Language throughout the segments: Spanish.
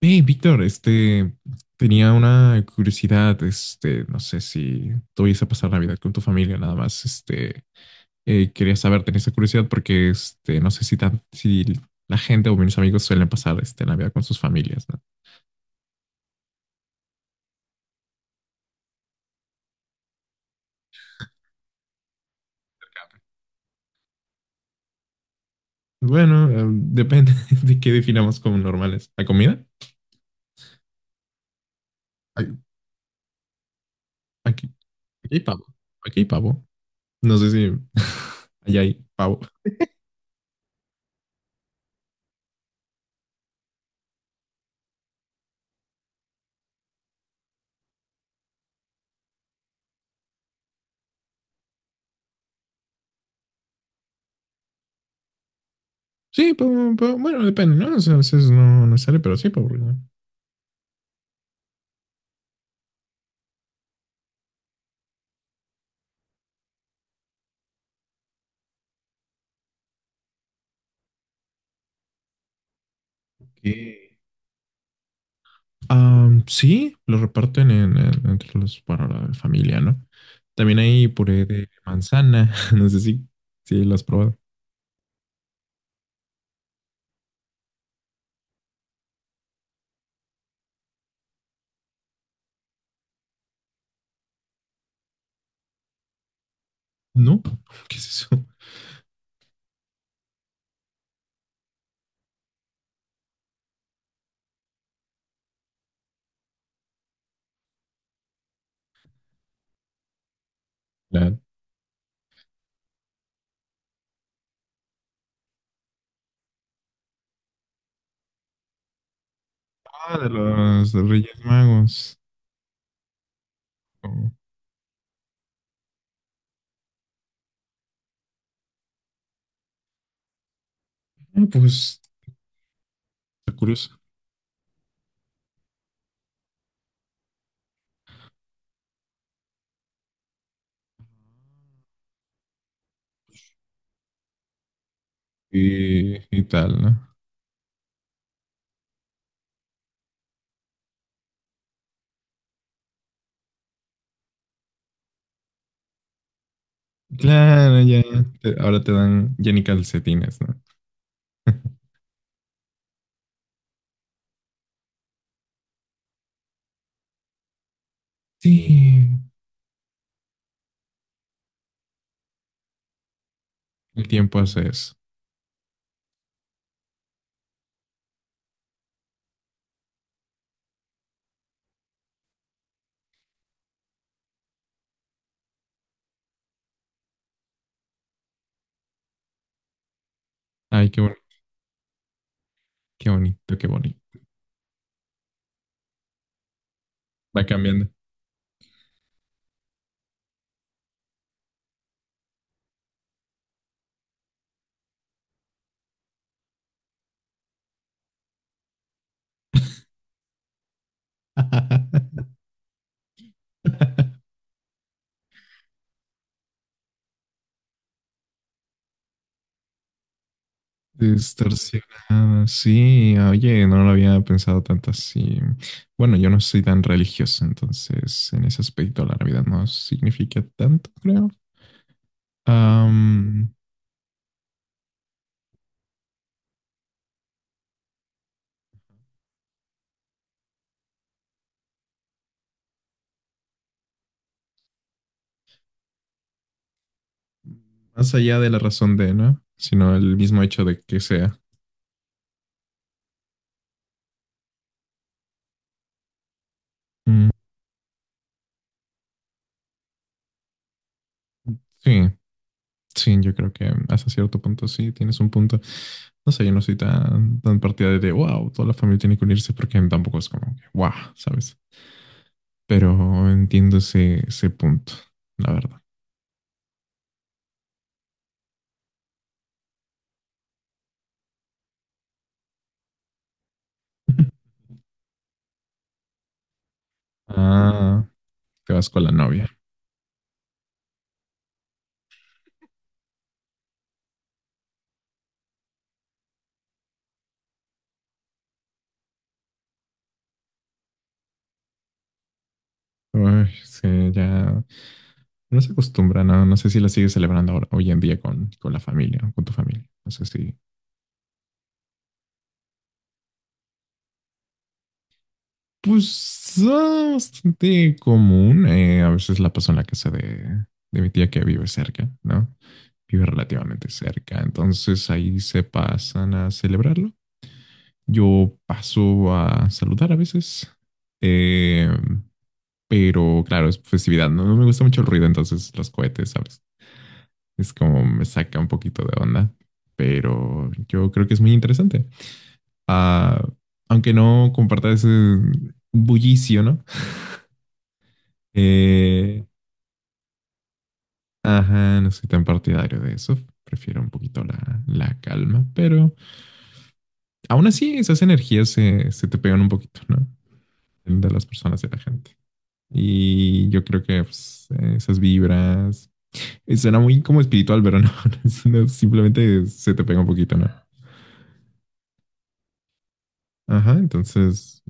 Hey, Víctor, tenía una curiosidad, no sé si tuviese a pasar Navidad con tu familia, nada más, quería saber, tenía esa curiosidad porque, no sé si la gente o mis amigos suelen pasar, Navidad con sus familias, ¿no? Bueno, depende de qué definamos como normales. ¿La comida? Ay, Aquí, aquí hay pavo, aquí hay pavo, no sé si allá hay pavo. Sí, pavo, bueno, depende, ¿no? O sea, a veces no sale, pero sí, pavo, ¿no? Ok. Sí, lo reparten entre los, para la familia, ¿no? También hay puré de manzana, no sé si, si lo has probado. ¿No? ¿Qué es eso? La- Ah, de los Reyes Magos. Oh, pues, está curioso. Y tal, ¿no? Claro, ya. Ahora te dan ya ni calcetines, ¿no? Sí, el tiempo hace eso. Ay, qué bonito, qué bonito. Va cambiando. Distorsionada, sí, oye, no lo había pensado tanto así. Bueno, yo no soy tan religioso, entonces en ese aspecto la Navidad no significa tanto, creo. Am, más allá de la razón de, ¿no? Sino el mismo hecho de que sea. Mm, sí, sí, yo creo que hasta cierto punto sí, tienes un punto. No sé, yo no soy tan partidario de, wow, toda la familia tiene que unirse porque tampoco es como que, wow, ¿sabes? Pero entiendo ese punto, la verdad. Ah, te vas con la novia. Uy, sí, ya no se acostumbra, no, no sé si la sigues celebrando hoy en día con la familia, con tu familia. No sé si. Pues ah, bastante común. A veces la paso en la casa de mi tía que vive cerca, ¿no? Vive relativamente cerca. Entonces ahí se pasan a celebrarlo. Yo paso a saludar a veces. eh, pero claro, es festividad. No me gusta mucho el ruido, entonces los cohetes, ¿sabes? Es como me saca un poquito de onda, pero yo creo que es muy interesante. Ah, aunque no comparta ese bullicio, ¿no? Eh, ajá, no soy tan partidario de eso. Prefiero un poquito la calma, pero aún así esas energías se te pegan un poquito, ¿no? De las personas, de la gente. Y yo creo que pues, esas vibras. Suena muy como espiritual, pero no, simplemente se te pega un poquito, ¿no? Ajá, entonces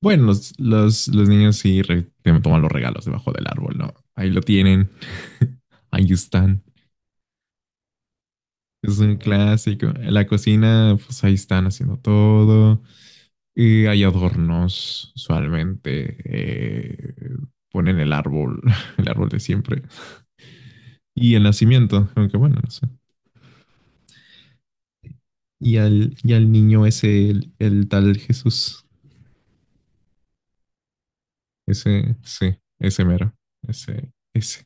bueno, los niños te toman los regalos debajo del árbol, ¿no? Ahí lo tienen. Ahí están. Es un clásico. En la cocina, pues ahí están haciendo todo. Y hay adornos, usualmente. Ponen el árbol, el árbol de siempre. Y el nacimiento, aunque bueno, no sé. Y al niño ese, el tal Jesús. Ese, sí, ese mero. Ese.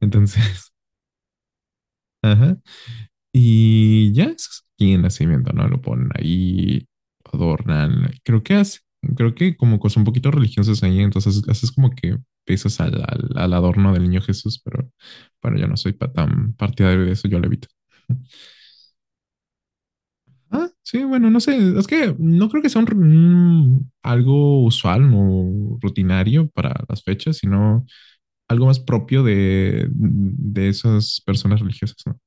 Entonces, ajá. Y ya es aquí en nacimiento, ¿no? Lo ponen ahí, adornan. Creo que como cosas un poquito religiosas ahí, entonces haces como que pesas al adorno del niño Jesús, pero bueno, yo no soy tan partidario de eso, yo lo evito. Ah, sí, bueno, no sé, es que no creo que sea algo usual o rutinario para las fechas, sino algo más propio de esas personas religiosas, ¿no?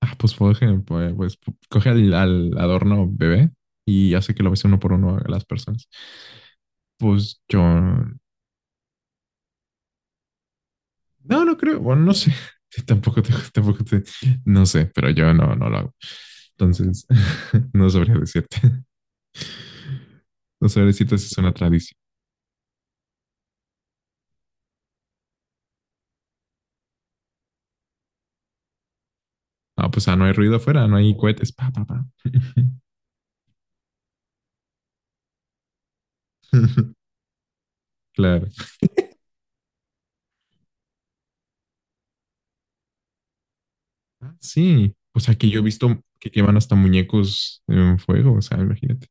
Ah, pues, por ejemplo, pues, coge al adorno bebé y hace que lo bese uno por uno a las personas. Pues yo, no, no creo, bueno, no sé, tampoco te, tampoco te, no sé, pero yo no, no lo hago. Entonces, no sabría decirte, no sabría decirte si es una tradición. Ah, pues, ah, no hay ruido afuera, no hay cohetes, pa, pa, pa. Claro. Ah, sí, o sea, que yo he visto que llevan hasta muñecos en fuego, o sea, imagínate.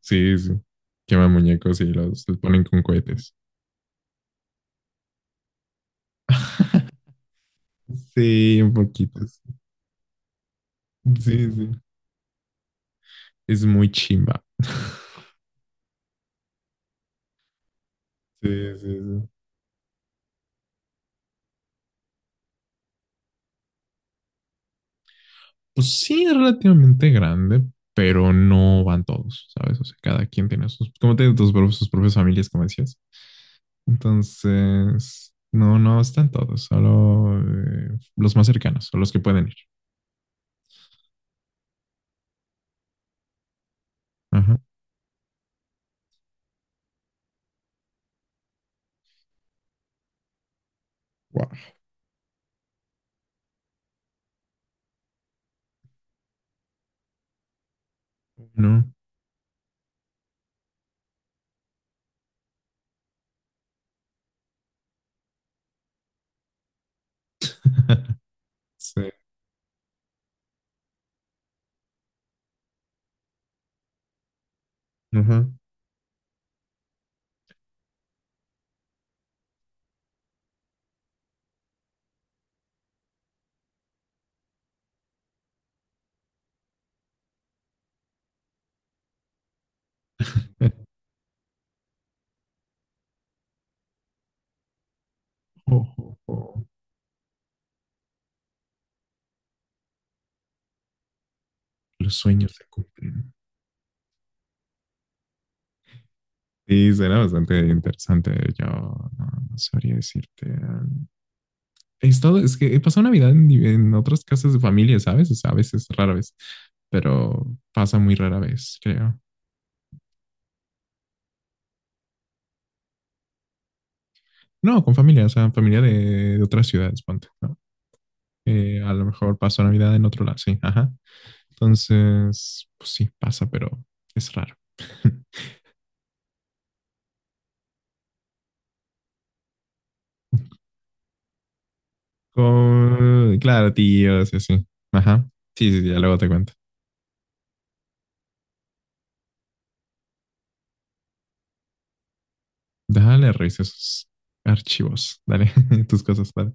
Sí, sí. Queman muñecos y los ponen con cohetes. Sí, un poquito. Sí, sí. Es muy chimba. Sí, sí, sí. Pues sí, es relativamente grande, pero no van todos, ¿sabes? O sea, cada quien tiene sus, como tiene sus propias familias, como decías. Entonces, no, no están todos, solo los más cercanos o los que pueden ir. Ajá. Wow. No. Sí. Ajá. Ojo, ojo. Los sueños se cumplen. Sí, será bastante interesante. Yo no, no sabría decirte. He estado, es que he pasado Navidad en otras casas de familia, ¿sabes? O sea, a veces, rara vez, pero pasa muy rara vez, creo. No, con familia, o sea, familia de otras ciudades, ponte, ¿no? A lo mejor paso Navidad en otro lado, sí, ajá. Entonces, pues sí, pasa, pero es raro. Con, claro, tíos, sí, sí. Ajá. Sí, sí, sí, ya luego te cuento. Dale, revisa esos archivos. Dale, tus cosas, dale.